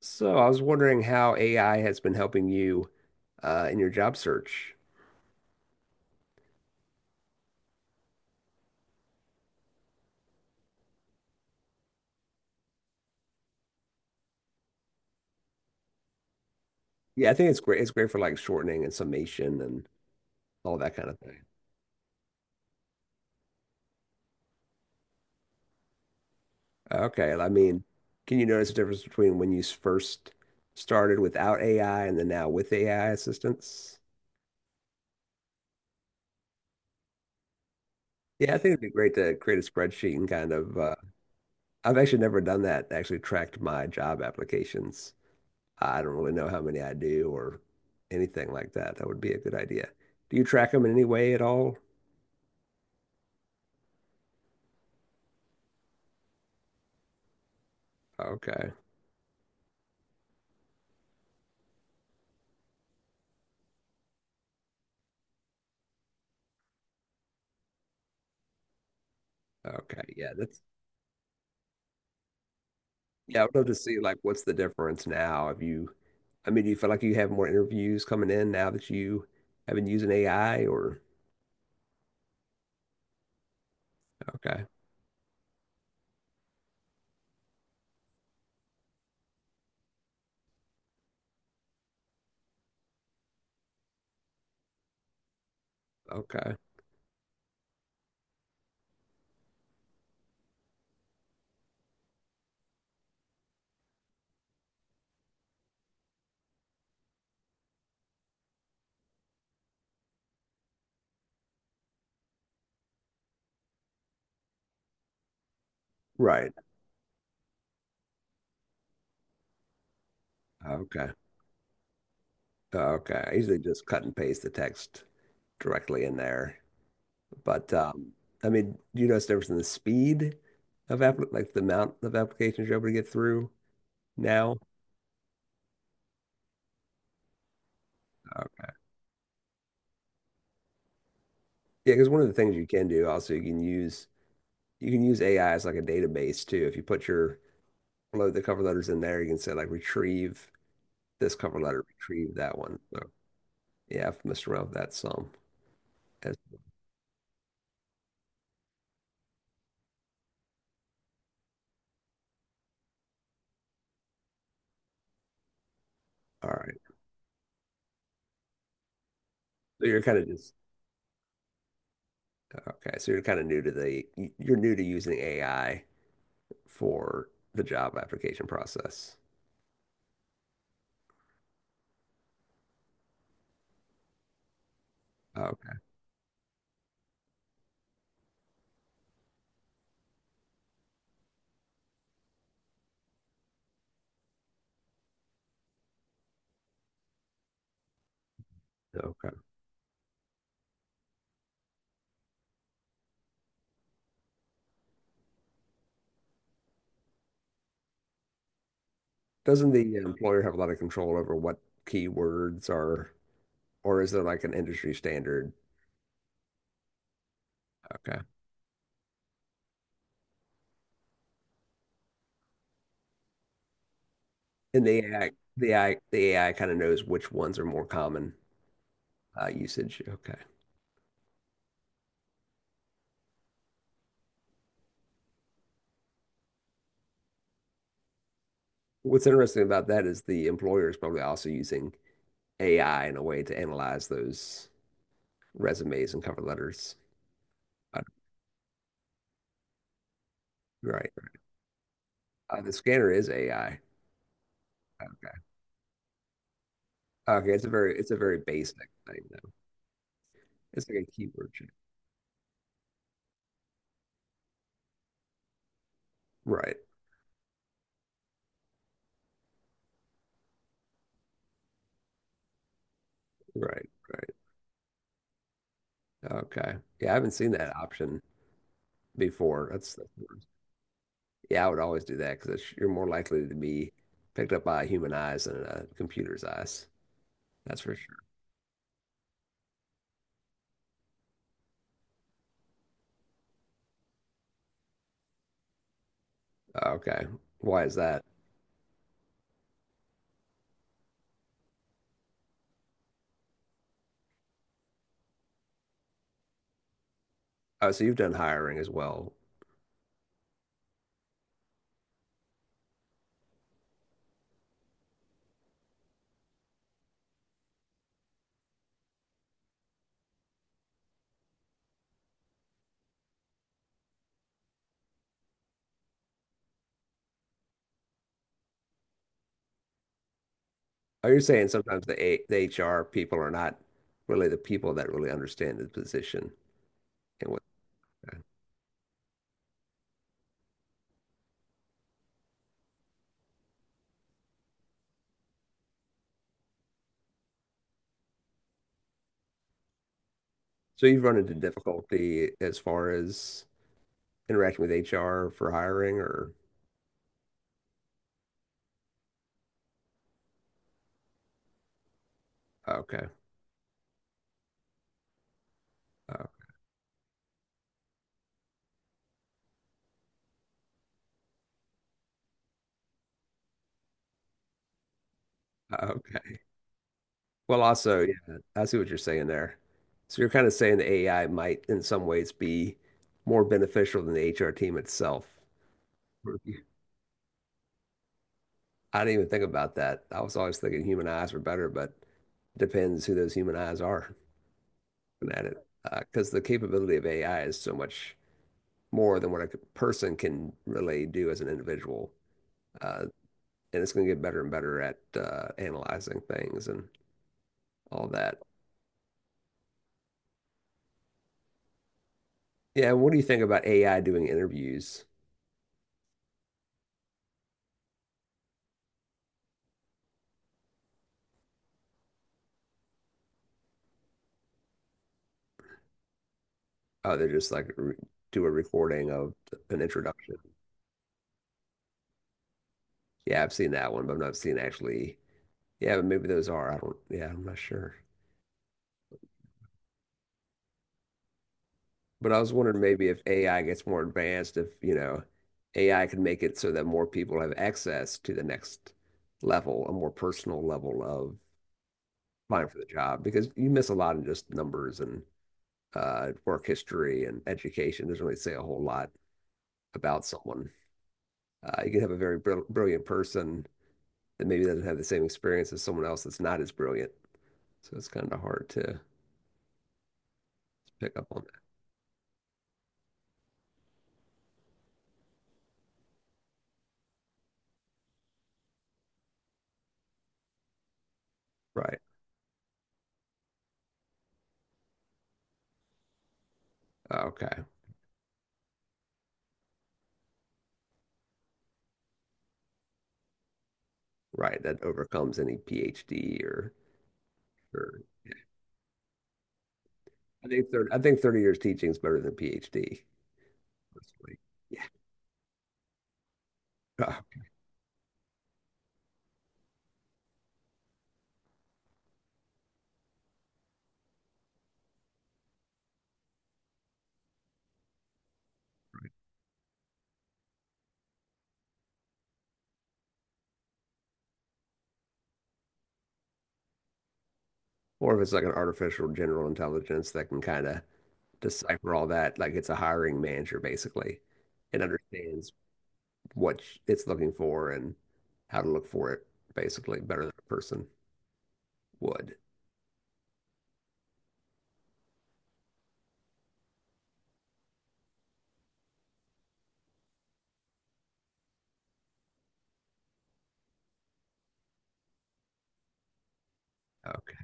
So I was wondering how AI has been helping you in your job search. Yeah, I think it's great. It's great for like shortening and summation and all that kind of thing. Okay, I mean, can you notice the difference between when you first started without AI and then now with AI assistance? Yeah, I think it'd be great to create a spreadsheet and kind of I've actually never done that, actually tracked my job applications. I don't really know how many I do or anything like that. That would be a good idea. Do you track them in any way at all? Okay. Okay, yeah, that's yeah. I would love to see like what's the difference now. If you, I mean, do you feel like you have more interviews coming in now that you have been using AI, or okay, okay, right, okay, okay. I usually just cut and paste the text directly in there, but I mean, do you notice the difference in the speed of app like the amount of applications you're able to get through now? Okay, yeah, because one of the things you can do also you can use AI as like a database too. If you put your upload the cover letters in there. You can say like retrieve this cover letter, retrieve that one. So yeah, I've messed around with that some. That's- all right. So you're kind of just, okay. So you're new to using AI for the job application process. Okay. Okay. Doesn't the employer have a lot of control over what keywords are, or is there like an industry standard? Okay. And the AI kind of knows which ones are more common usage. Okay. What's interesting about that is the employer is probably also using AI in a way to analyze those resumes and cover letters. Uh, Right. The scanner is AI. Okay. Okay. It's a very basic thing though. It's like a keyword check. Right. Right. Right. Okay. Yeah, I haven't seen that option before. That's Yeah, I would always do that because you're more likely to be picked up by human eyes than a computer's eyes. That's for sure. Okay. Why is that? Oh, so you've done hiring as well. Oh, you're saying sometimes the HR people are not really the people that really understand the position and what. So you've run into difficulty as far as interacting with HR for hiring, or okay, oh, okay. Well, also, yeah, I see what you're saying there. So you're kind of saying the AI might, in some ways, be more beneficial than the HR team itself. I didn't even think about that. I was always thinking human eyes were better, but depends who those human eyes are at it. Because the capability of AI is so much more than what a person can really do as an individual. Uh, and it's going to get better and better at analyzing things and all that. Yeah, what do you think about AI doing interviews? Oh, they're just like do a recording of an introduction. Yeah, I've seen that one, but I've not seen actually. Yeah, but maybe those are. I don't. Yeah, I'm not sure. But I was wondering maybe if AI gets more advanced, if AI could make it so that more people have access to the next level, a more personal level of applying for the job, because you miss a lot in just numbers and work history and education. Doesn't really say a whole lot about someone. You can have a very brilliant person that maybe doesn't have the same experience as someone else that's not as brilliant. So it's kind of hard to pick up on that. Right. Okay. Right. That overcomes any PhD, or I think 30 years teaching is better than a PhD, personally. Yeah, uh, or if it's like an artificial general intelligence that can kind of decipher all that, like it's a hiring manager basically, and understands what it's looking for and how to look for it basically better than a person would. Okay,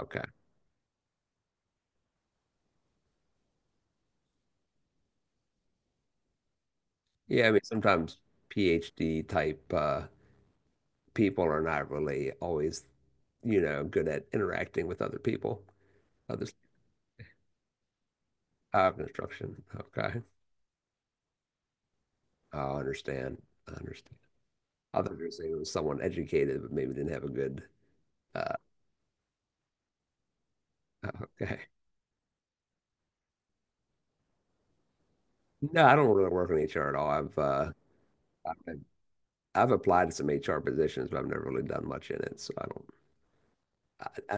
okay. Yeah, I mean sometimes PhD type people are not really always, good at interacting with other people, other construction. Okay. I understand. I understand. I thought you were saying it was someone educated, but maybe didn't have a good. Uh, okay. No, I don't really work in HR at all. I've, I've applied to some HR positions, but I've never really done much in it. So I don't. I, I,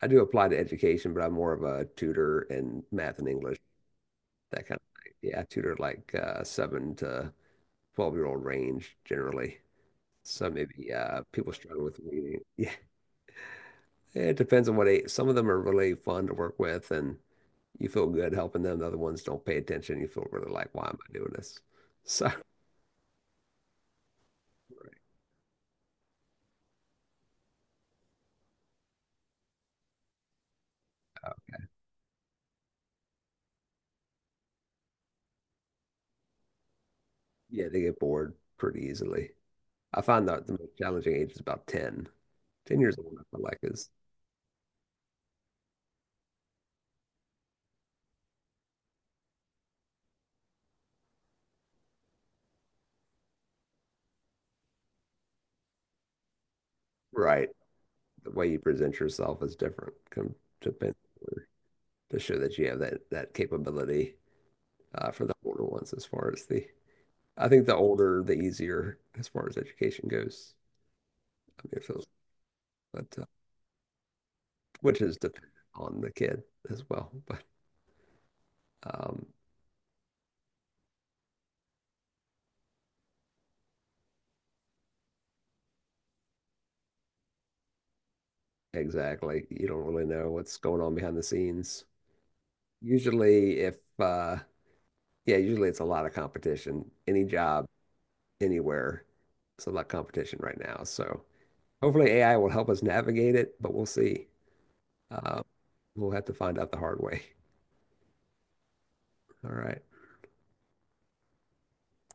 I do apply to education, but I'm more of a tutor in math and English, that kind of thing. Yeah, I tutor like 7 to 12 year old range generally. So maybe people struggle with reading. Yeah, it depends on what age. Some of them are really fun to work with, and you feel good helping them. The other ones don't pay attention. You feel really like, why am I doing this? So yeah, they get bored pretty easily. I find that the most challenging age is about 10. 10 years old, I feel like is right. The way you present yourself is different come to to show that you have that capability for the older ones as far as the I think the older the easier as far as education goes. I mean, it feels, but which is dependent on the kid as well. But um, Exactly. You don't really know what's going on behind the scenes. Usually, if Yeah, usually it's a lot of competition. Any job, anywhere, it's a lot of competition right now. So hopefully AI will help us navigate it, but we'll see. Uh, we'll have to find out the hard way. All right.